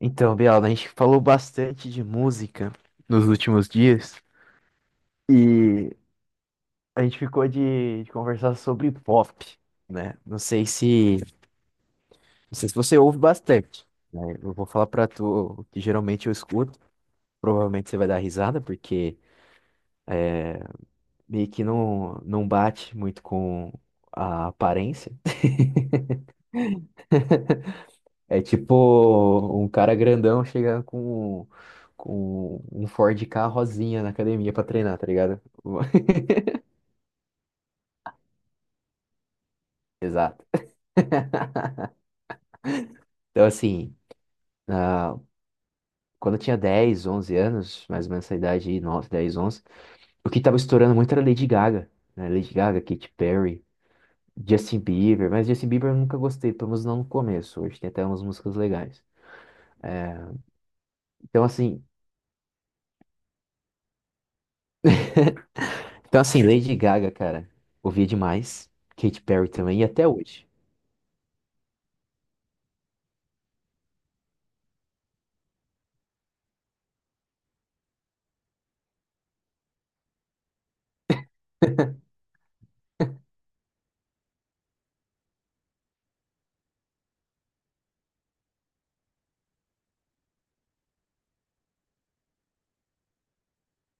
Então, Bial, a gente falou bastante de música nos últimos dias e a gente ficou de conversar sobre pop, né? Não sei se, não sei se você ouve bastante, né? Eu vou falar pra tu o que geralmente eu escuto, provavelmente você vai dar risada porque meio que não bate muito com a aparência. É tipo um cara grandão chegando com um Ford K rosinha na academia pra treinar, tá ligado? Exato. Então, assim, na- quando eu tinha 10, 11 anos, mais ou menos essa idade aí, 9, 10, 11, o que tava estourando muito era Lady Gaga, né? Lady Gaga, Katy Perry, Justin Bieber, mas Justin Bieber eu nunca gostei, pelo menos não no começo. Hoje tem até umas músicas legais. Então, assim, então, assim, Lady Gaga, cara, ouvia demais. Katy Perry também, e até hoje.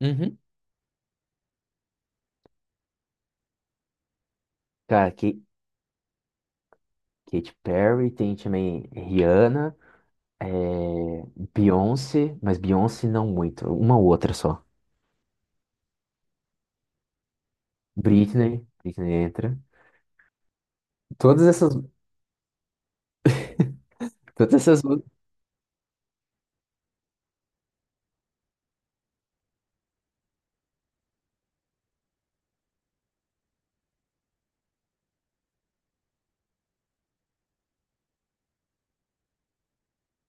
Uhum. Cara, Katy Perry, tem também Rihanna, é, Beyoncé, mas Beyoncé não muito, uma outra só. Britney entra. Todas essas, todas essas músicas.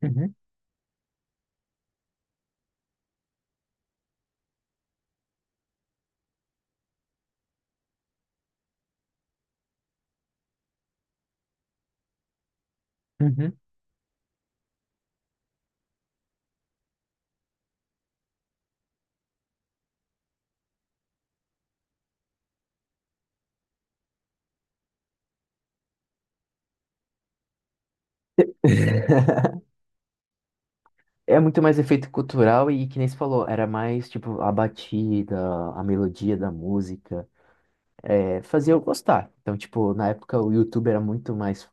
Uhum, uhum. É muito mais efeito cultural e que nem você falou, era mais tipo a batida, a melodia da música, é, fazia eu gostar. Então, tipo, na época o YouTube era muito mais,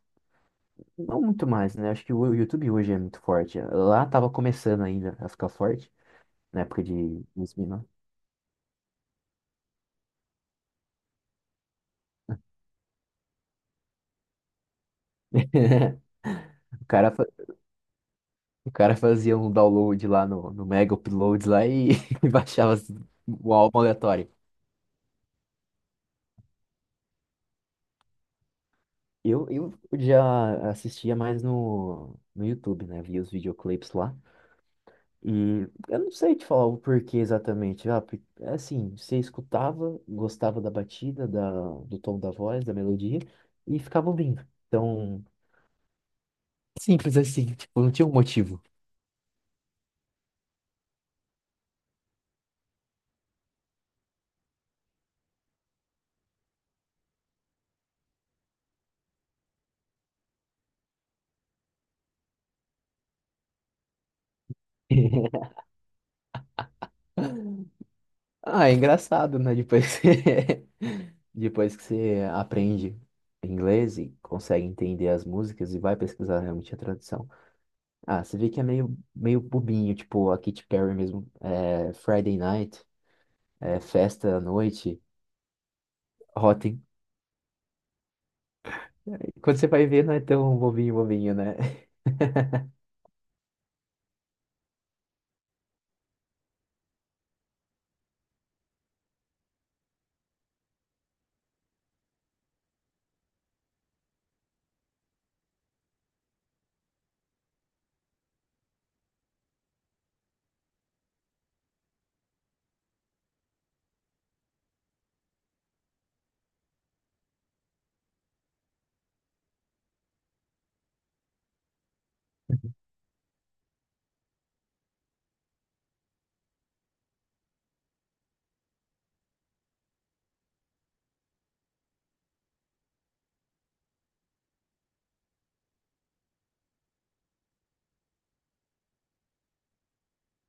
não muito mais, né? Acho que o YouTube hoje é muito forte. Lá tava começando ainda a ficar forte, na época de 2009. O cara, o cara fazia um download lá no Mega Uploads lá e, e baixava assim, o álbum aleatório. Eu já assistia mais no YouTube, né? Via os videoclipes lá. E eu não sei te falar o porquê exatamente. Ah, é assim, você escutava, gostava da batida, da, do tom da voz, da melodia, e ficava ouvindo. Então, simples assim, tipo, não tinha um motivo. Ah, é engraçado, né? Depois que, depois que você aprende inglês e consegue entender as músicas e vai pesquisar realmente a tradução. Ah, você vê que é meio, meio bobinho, tipo a Katy Perry mesmo. É, Friday Night, é, festa à noite, Rotten. Quando você vai ver, não é tão bobinho, bobinho, né?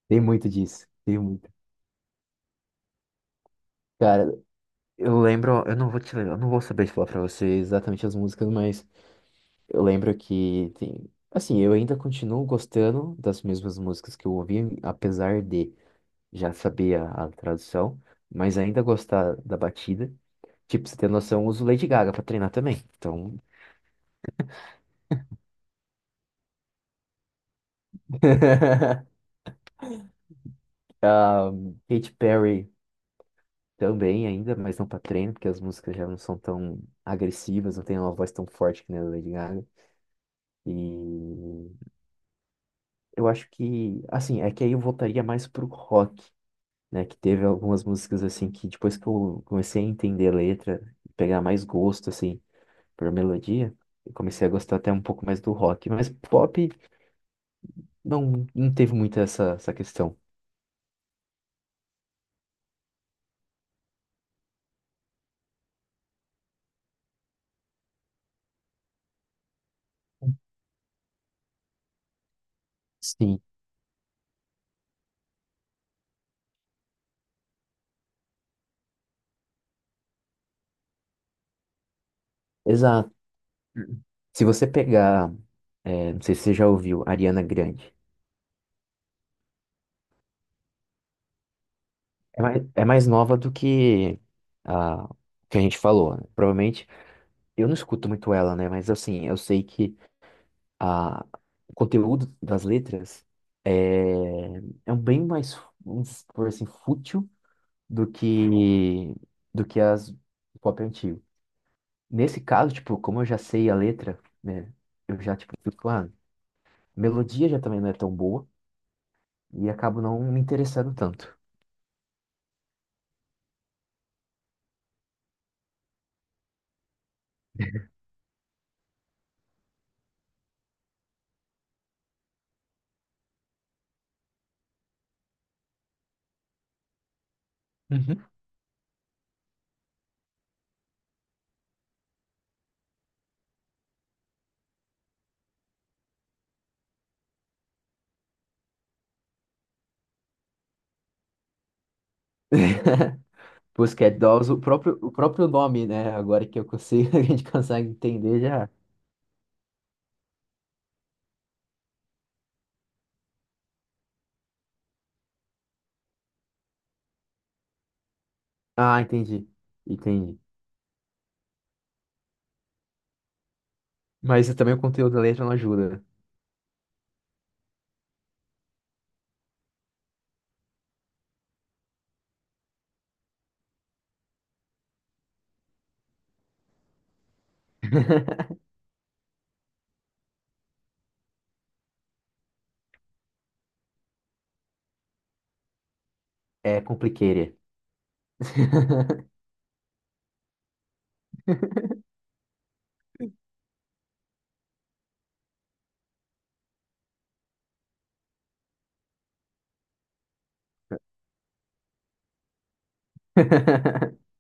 Tem muito disso, tem muito. Cara, eu lembro, eu não vou te lembrar, eu não vou saber te falar pra você exatamente as músicas, mas eu lembro que tem. Assim, eu ainda continuo gostando das mesmas músicas que eu ouvi, apesar de já saber a tradução, mas ainda gostar da batida. Tipo, pra você ter noção, eu uso Lady Gaga pra treinar também. Então. Um, Katy Perry também ainda, mas não pra treino, porque as músicas já não são tão agressivas, não tem uma voz tão forte que nem a da Lady Gaga. E eu acho que, assim, é que aí eu voltaria mais pro rock, né? Que teve algumas músicas, assim, que depois que eu comecei a entender a letra, pegar mais gosto, assim, por melodia, eu comecei a gostar até um pouco mais do rock. Mas pop não, não teve muito essa questão. Sim, exato. Se você pegar, é, não sei se você já ouviu, Ariana Grande, é mais nova do a que a gente falou, né? Provavelmente, eu não escuto muito ela, né? Mas assim, eu sei que a, o conteúdo das letras é, é um bem mais, vamos por assim, fútil do que do que as pop antigo. Nesse caso, tipo, como eu já sei a letra, né? Eu já, tipo, fico, ah, a melodia já também não é tão boa e acabo não me interessando tanto. Uhum. Pussycat Dolls, o próprio nome, né? Agora que eu consigo, a gente consegue entender já. Ah, entendi. Entendi. Mas também o conteúdo da letra não ajuda. É complicated.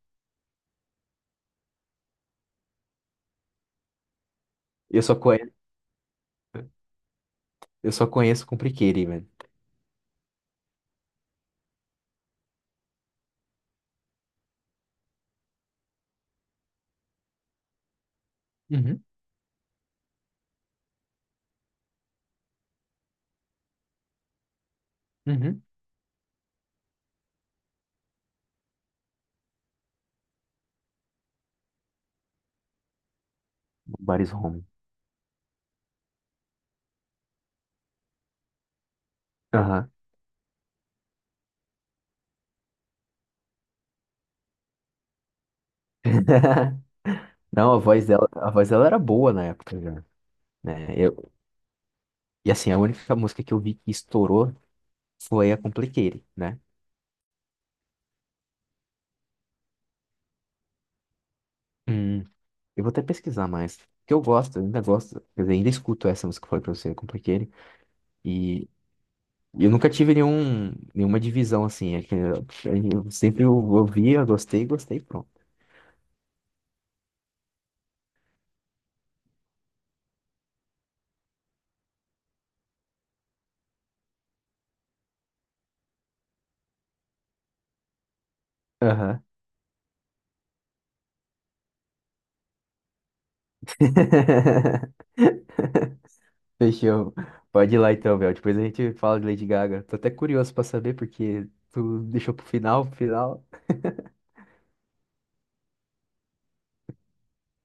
Eu só conheço, eu só conheço complicated, mano. Uhum. Uhum. Nobody's home. Aham. Não, a voz dela era boa na época já, né? Eu, e assim, a única música que eu vi que estourou foi a Complicated, né? Hum, eu vou até pesquisar mais. Porque eu gosto, eu ainda gosto, quer dizer, ainda escuto essa música que eu falei pra você, Complicated. E eu nunca tive nenhum, nenhuma divisão assim. É que eu sempre ouvia, gostei, gostei, pronto. Aham. Fechou. Pode ir lá então, Bel. Depois a gente fala de Lady Gaga. Tô até curioso pra saber, porque tu deixou pro final, pro final.